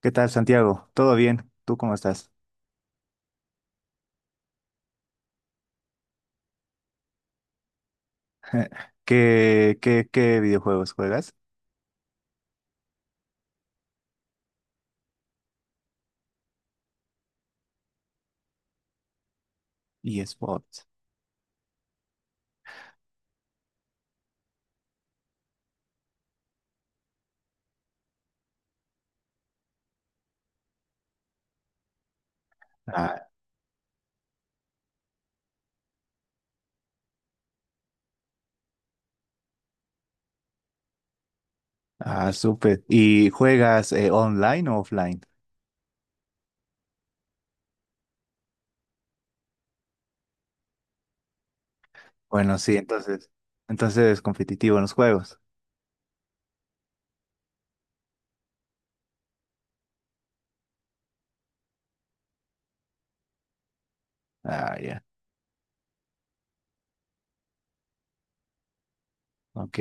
¿Qué tal, Santiago? ¿Todo bien? ¿Tú cómo estás? ¿Qué videojuegos juegas? eSports. Ah, ah, súper. ¿Y juegas online o offline? Bueno, sí, entonces competitivo en los juegos. Ah, ya. Ok.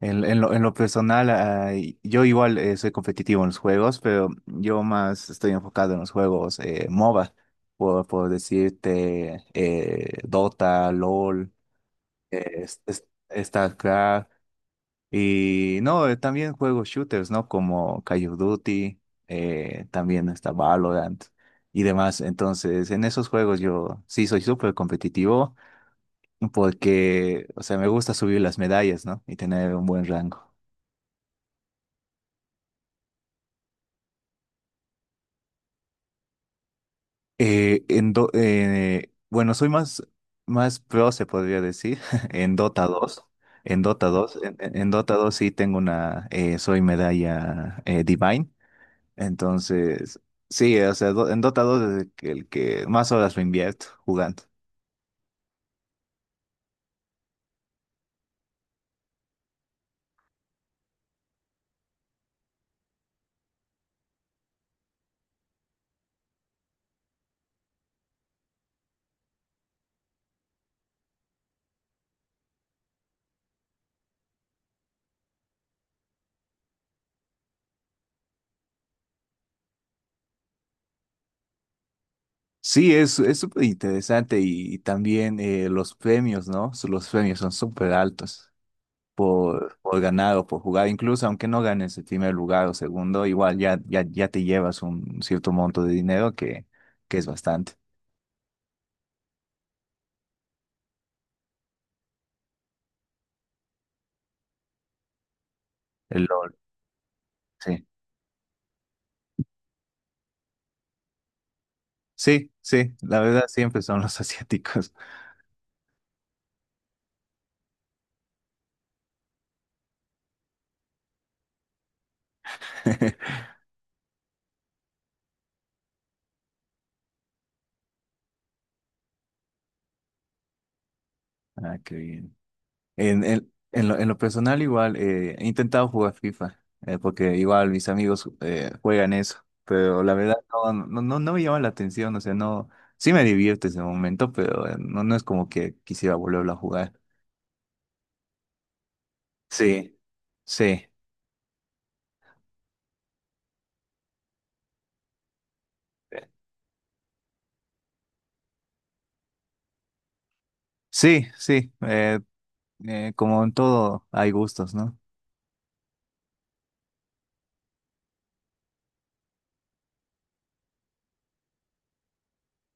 En lo personal, yo igual soy competitivo en los juegos, pero yo más estoy enfocado en los juegos MOBA, por decirte Dota, LOL, eh, es- es- StarCraft. Y no, también juego shooters, ¿no? Como Call of Duty, también está Valorant y demás. Entonces, en esos juegos yo sí soy súper competitivo porque, o sea, me gusta subir las medallas, ¿no? Y tener un buen rango. Bueno, más pro, se podría decir, en Dota dos. En Dota dos sí tengo una, soy medalla Divine. Entonces, sí, o sea, en Dota 2 es el que más horas me invierto jugando. Sí, es súper interesante y también los premios, ¿no? Los premios son súper altos por ganar o por jugar. Incluso aunque no ganes el primer lugar o segundo, igual ya te llevas un cierto monto de dinero que es bastante. El LOL, sí. Sí, sí, la verdad siempre son los asiáticos. Ah, qué bien. En lo personal igual, he intentado jugar FIFA, porque igual mis amigos juegan eso, pero la verdad no me llama la atención, o sea, no, sí me divierte ese momento, pero no es como que quisiera volverlo a jugar. Sí, sí, sí, como en todo hay gustos, ¿no?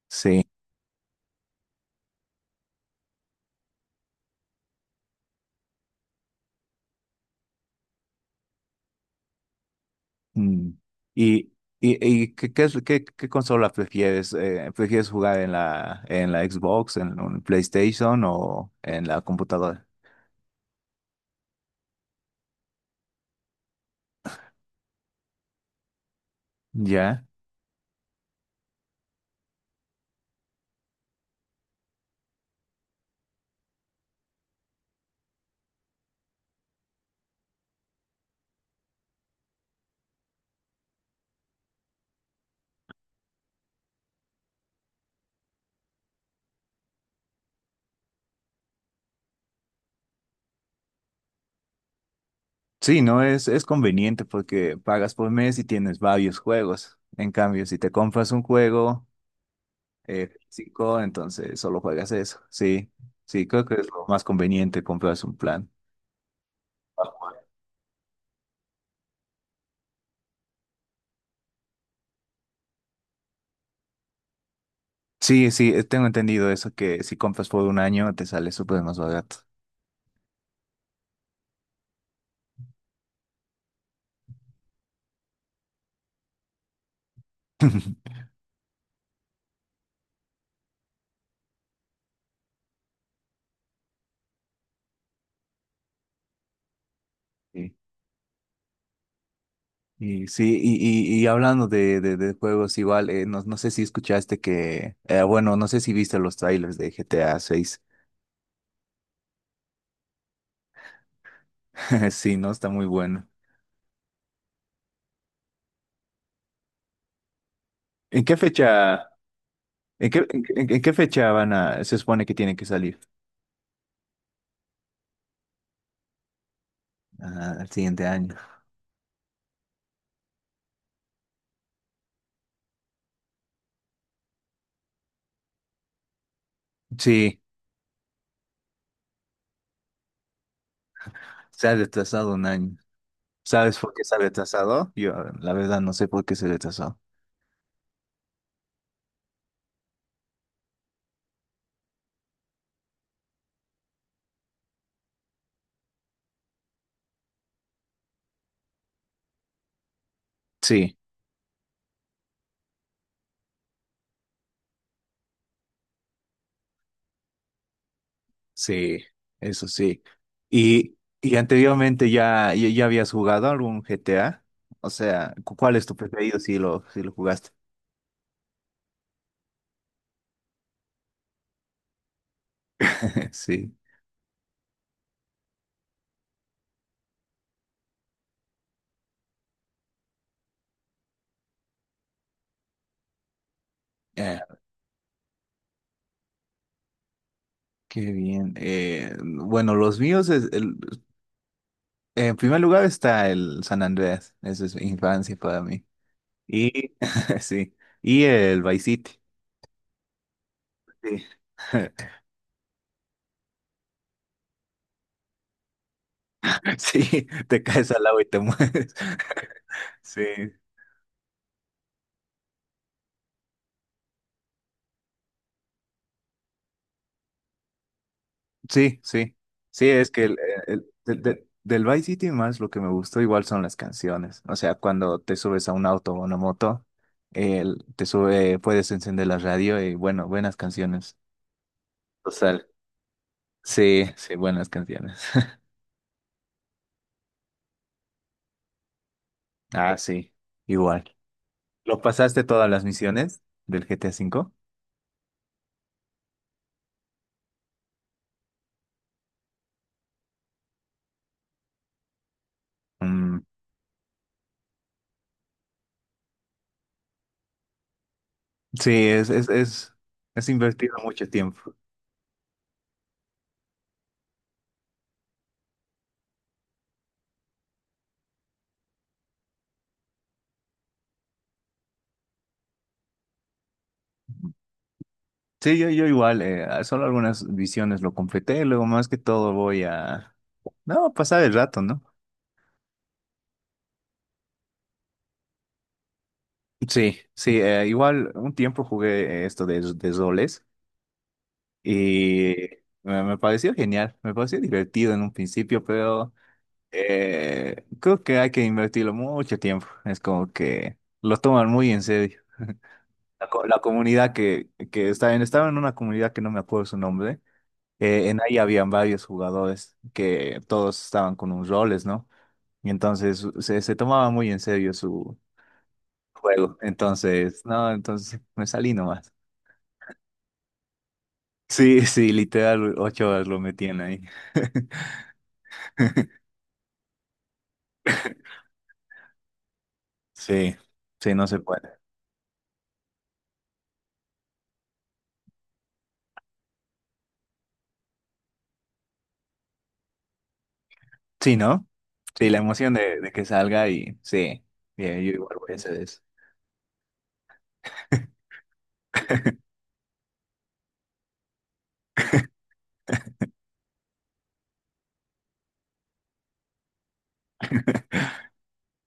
Sí. Mm. ¿Y, ¿qué consola prefieres? ¿Prefieres jugar en en la Xbox, en un PlayStation o en la computadora? Ya. Sí, no es, es conveniente porque pagas por mes y tienes varios juegos. En cambio, si te compras un juego físico, entonces solo juegas eso. Sí, sí, creo que es lo más conveniente comprarse un plan. Sí, sí, tengo entendido eso, que si compras por un año te sale súper más barato. Y sí, y, y hablando de juegos igual, no sé si escuchaste que, bueno, no sé si viste los trailers de GTA 6. Sí, no, está muy bueno. ¿En qué fecha, en qué, en- ¿en qué fecha van a, se supone que tiene que salir? Ah, el siguiente año. Sí, se ha retrasado un año. ¿Sabes por qué se ha retrasado? Yo, la verdad, no sé por qué se retrasó. Sí. Sí, eso sí. Y anteriormente ya habías jugado algún GTA. O sea, ¿cuál es tu preferido si si lo jugaste? Sí. Eh, qué bien. Bueno, los míos, en primer lugar está el San Andreas. Eso es infancia para mí. Y sí. Y el Vice City. Sí. Sí, te caes al agua y te mueres. Sí, sí, sí, es que del Vice City más lo que me gustó igual son las canciones. O sea, cuando te subes a un auto o una moto, te sube, puedes encender la radio y bueno, buenas canciones. Total. Sí, sí, buenas canciones. Ah, sí, igual. ¿Lo pasaste todas las misiones del GTA cinco? Mm, sí, es invertido mucho tiempo. Sí, yo igual, solo algunas visiones lo completé, luego más que todo voy a... No, pasar el rato, ¿no? Sí, sí, igual un tiempo jugué esto de roles y me pareció genial, me pareció divertido en un principio, pero creo que hay que invertirlo mucho tiempo. Es como que lo toman muy en serio. La comunidad que está en, estaba en una comunidad que no me acuerdo su nombre, en ahí habían varios jugadores que todos estaban con un roles, ¿no? Y entonces se tomaba muy en serio juego. Entonces, no, entonces me salí nomás. Sí, sí, literal, 8 horas lo metían ahí. Sí, sí, no se puede. Sí, ¿no? Sí, la emoción de que salga y sí, bien, yo igual voy a hacer eso.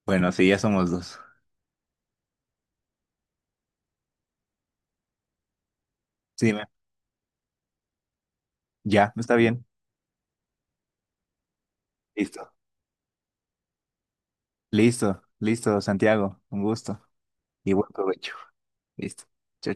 Bueno, sí, ya somos dos. Sí, ya, está bien. Listo. Listo, listo, Santiago, un gusto y buen provecho. Listo. Chao,